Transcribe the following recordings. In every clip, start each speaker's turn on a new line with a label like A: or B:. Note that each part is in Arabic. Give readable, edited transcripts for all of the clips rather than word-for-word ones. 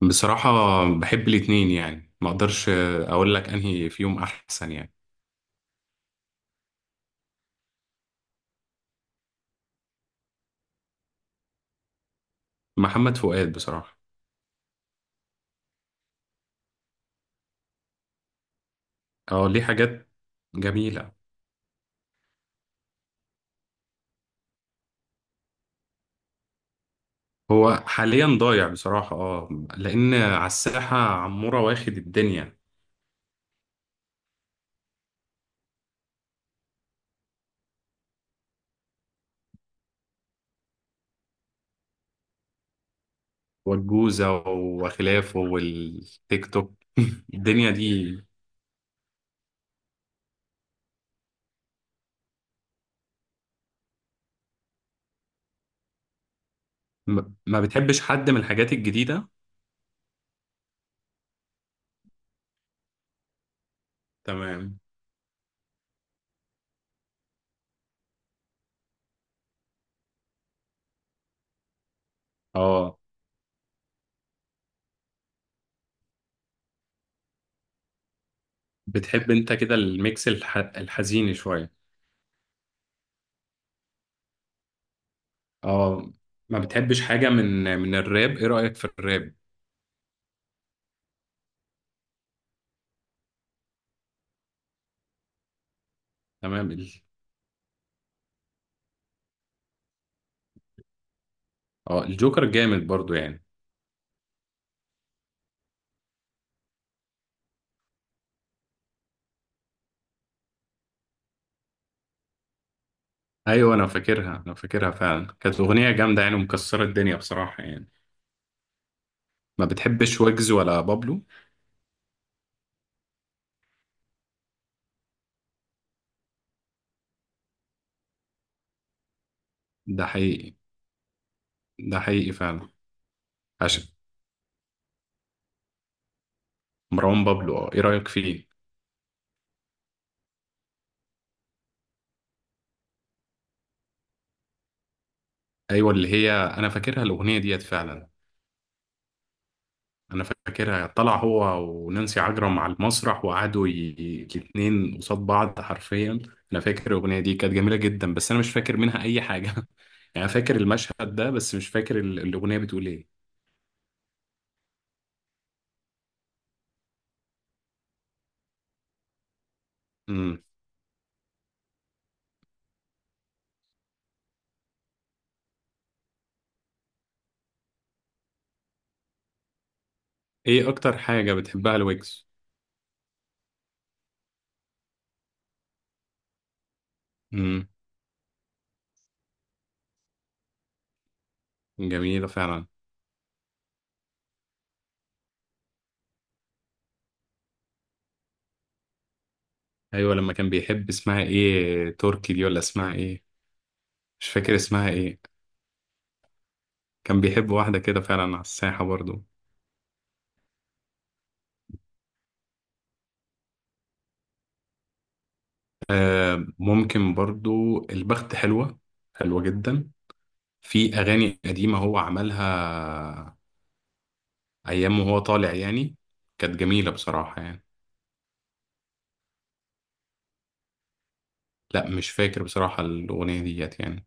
A: بصراحة، بحب الاتنين، يعني ما اقدرش اقول لك انهي فيهم احسن يعني. محمد فؤاد بصراحة. اه، ليه حاجات جميلة. هو حاليا ضايع بصراحة، اه، لان على الساحة عمورة واخد الدنيا والجوزة وخلافه والتيك توك. الدنيا دي. ما بتحبش حد من الحاجات الجديدة. تمام. اه، بتحب انت كده الميكس الحزين شوية. اه، ما بتحبش حاجة من الراب؟ ايه رأيك في الراب؟ تمام. اه، الجوكر جامد برضو يعني. ايوه، انا فاكرها فعلا، كانت اغنيه جامده يعني ومكسره الدنيا بصراحه يعني. ما بتحبش ويجز ولا بابلو؟ ده حقيقي ده حقيقي فعلا. عشان مروان بابلو، اه، ايه رايك فيه؟ ايوه، اللي هي انا فاكرها الاغنيه ديت فعلا، انا فاكرها طلع هو ونانسي عجرم على المسرح وقعدوا الاتنين قصاد بعض حرفيا. انا فاكر الاغنيه دي كانت جميله جدا، بس انا مش فاكر منها اي حاجه. يعني أنا فاكر المشهد ده، بس مش فاكر الاغنيه بتقول ايه. ايه اكتر حاجة بتحبها الويجز؟ امم، جميلة فعلا. ايوه، لما كان بيحب اسمها ايه تركي دي، ولا اسمها ايه؟ مش فاكر اسمها ايه. كان بيحب واحدة كده فعلا على الساحة برضو. آه، ممكن برضو البخت حلوة، حلوة جدا. في اغاني قديمة هو عملها ايام وهو طالع يعني، كانت جميلة بصراحة يعني. لا، مش فاكر بصراحة الاغنية ديت يعني.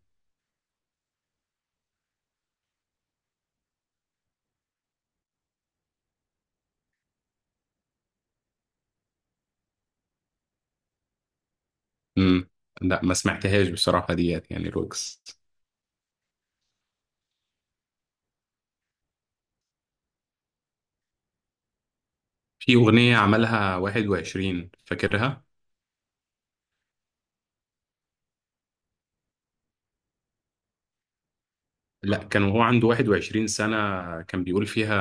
A: امم. لا، ما سمعتهاش بصراحة ديت يعني الويجز. في أغنية عملها 21، فاكرها؟ لا، كان وهو عنده 21 سنة، كان بيقول فيها،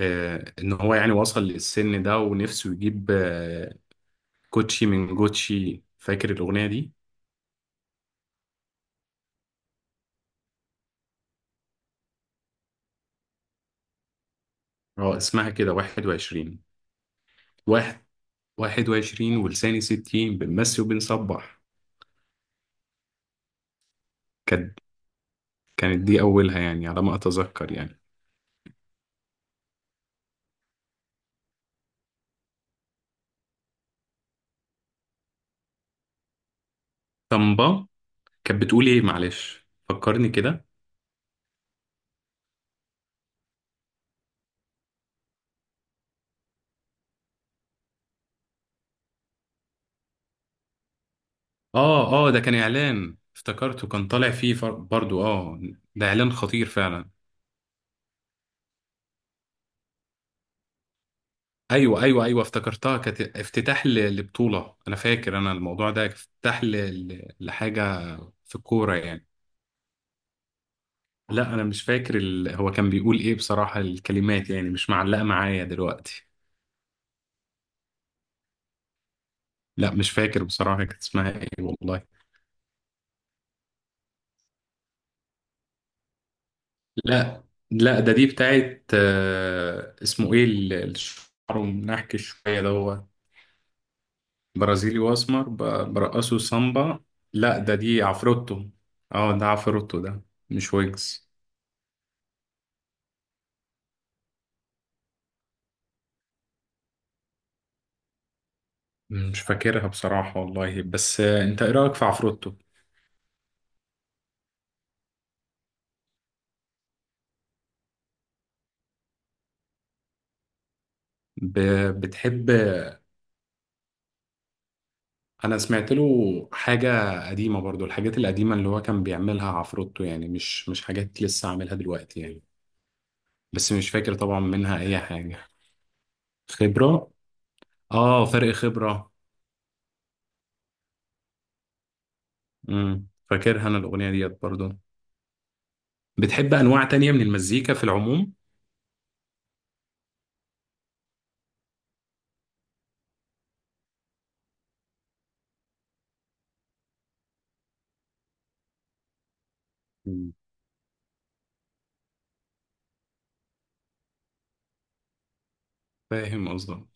A: آه، إن هو يعني وصل للسن ده ونفسه يجيب، آه، كوتشي من جوتشي، فاكر الأغنية دي؟ اه، اسمها كده 21، واحد 21 ولساني 60 بنمسي وبنصبح. كانت كانت دي أولها يعني على ما أتذكر يعني. طنبا. كانت بتقول إيه؟ معلش فكرني كده. اه، ده كان اعلان افتكرته، كان طالع فيه برضو، اه، ده اعلان خطير فعلا. ايوه ايوه ايوه، افتكرتها، كانت افتتاح لبطولة. انا فاكر انا الموضوع ده افتتاح لحاجة في الكورة يعني. لا، انا مش فاكر هو كان بيقول ايه بصراحة. الكلمات يعني مش معلقة معايا دلوقتي. لا، مش فاكر بصراحة كانت اسمها ايه والله. لا لا، ده دي بتاعت، آه، اسمه ايه الشعر، منحكي شوية ده؟ برازيلي واسمر، برقصه سامبا. لا، ده دي عفروتو. اه، ده عفروتو، ده مش ويجز. مش فاكرها بصراحة والله، بس، آه، انت ايه رأيك في عفروتو؟ بتحب. انا سمعت له حاجة قديمة، برضو الحاجات القديمة اللي هو كان بيعملها عفروتو يعني، مش حاجات لسه عاملها دلوقتي يعني. بس مش فاكر طبعا منها اي حاجة. خبرة. اه، فرق خبرة. امم، فاكرها انا الاغنية ديت برضو. بتحب انواع تانية من المزيكا في العموم؟ فاهم قصدك.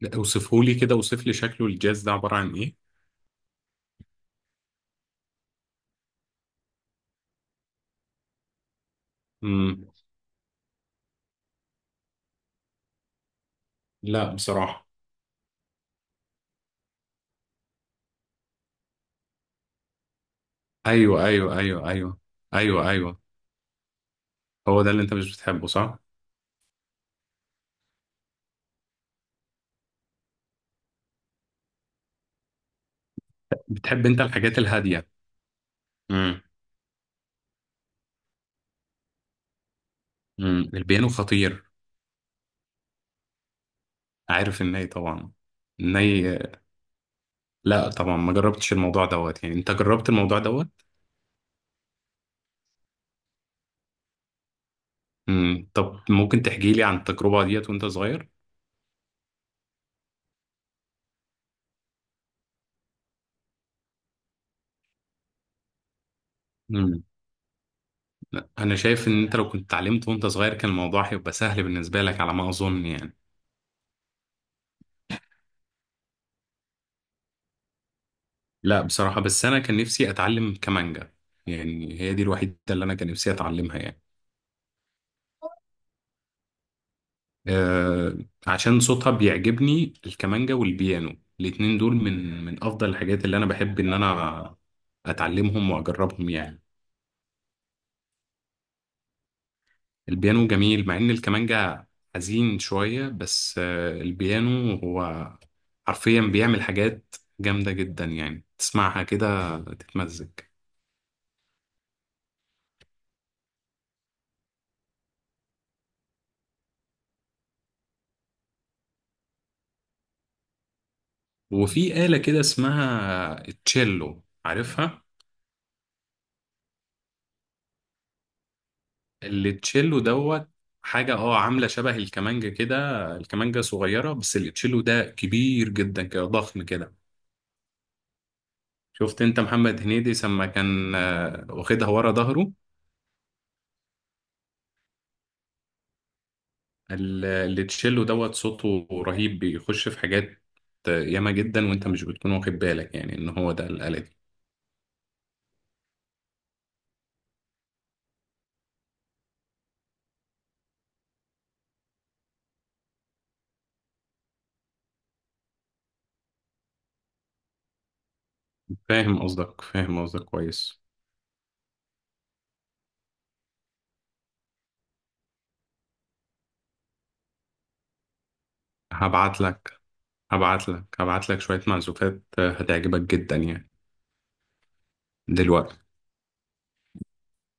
A: لا، اوصفهولي كده، اوصف لي شكله، الجاز ده عبارة عن ايه؟ امم. لا بصراحة. ايوه ايوه ايوه ايوه ايوه ايوه، هو ده اللي انت مش بتحبه، صح؟ بتحب انت الحاجات الهادية؟ امم. امم، البيانو خطير. عارف الناي طبعا. الناي. لا طبعا، ما جربتش الموضوع دوت يعني. انت جربت الموضوع دوت؟ امم. طب، ممكن تحكي لي عن التجربة ديت وانت صغير؟ امم. انا شايف ان انت لو كنت اتعلمت وانت صغير كان الموضوع هيبقى سهل بالنسبة لك على ما اظن يعني. لا بصراحة، بس أنا كان نفسي أتعلم كمانجا، يعني هي دي الوحيدة اللي أنا كان نفسي أتعلمها يعني. أه، عشان صوتها بيعجبني الكمانجا والبيانو، الاتنين دول من أفضل الحاجات اللي أنا بحب إن أنا أتعلمهم وأجربهم يعني. البيانو جميل، مع إن الكمانجا حزين شوية، بس أه البيانو هو حرفيا بيعمل حاجات جامدة جدا يعني، تسمعها كده تتمزج. وفي آلة كده اسمها التشيلو، عارفها؟ التشيلو دوت حاجة، اه، عاملة شبه الكمانجة كده. الكمانجة صغيرة، بس التشيلو ده كبير جدا كده، ضخم كده. شفت انت محمد هنيدي لما كان، آه، واخدها ورا ظهره؟ ال- التشيلو دوت صوته رهيب، بيخش في حاجات، آه، ياما جدا، وانت مش بتكون واخد بالك يعني ان هو ده الآلة دي. فاهم قصدك كويس. هبعت لك هبعت لك شوية معزوفات، آه، هتعجبك جدا يعني. دلوقتي.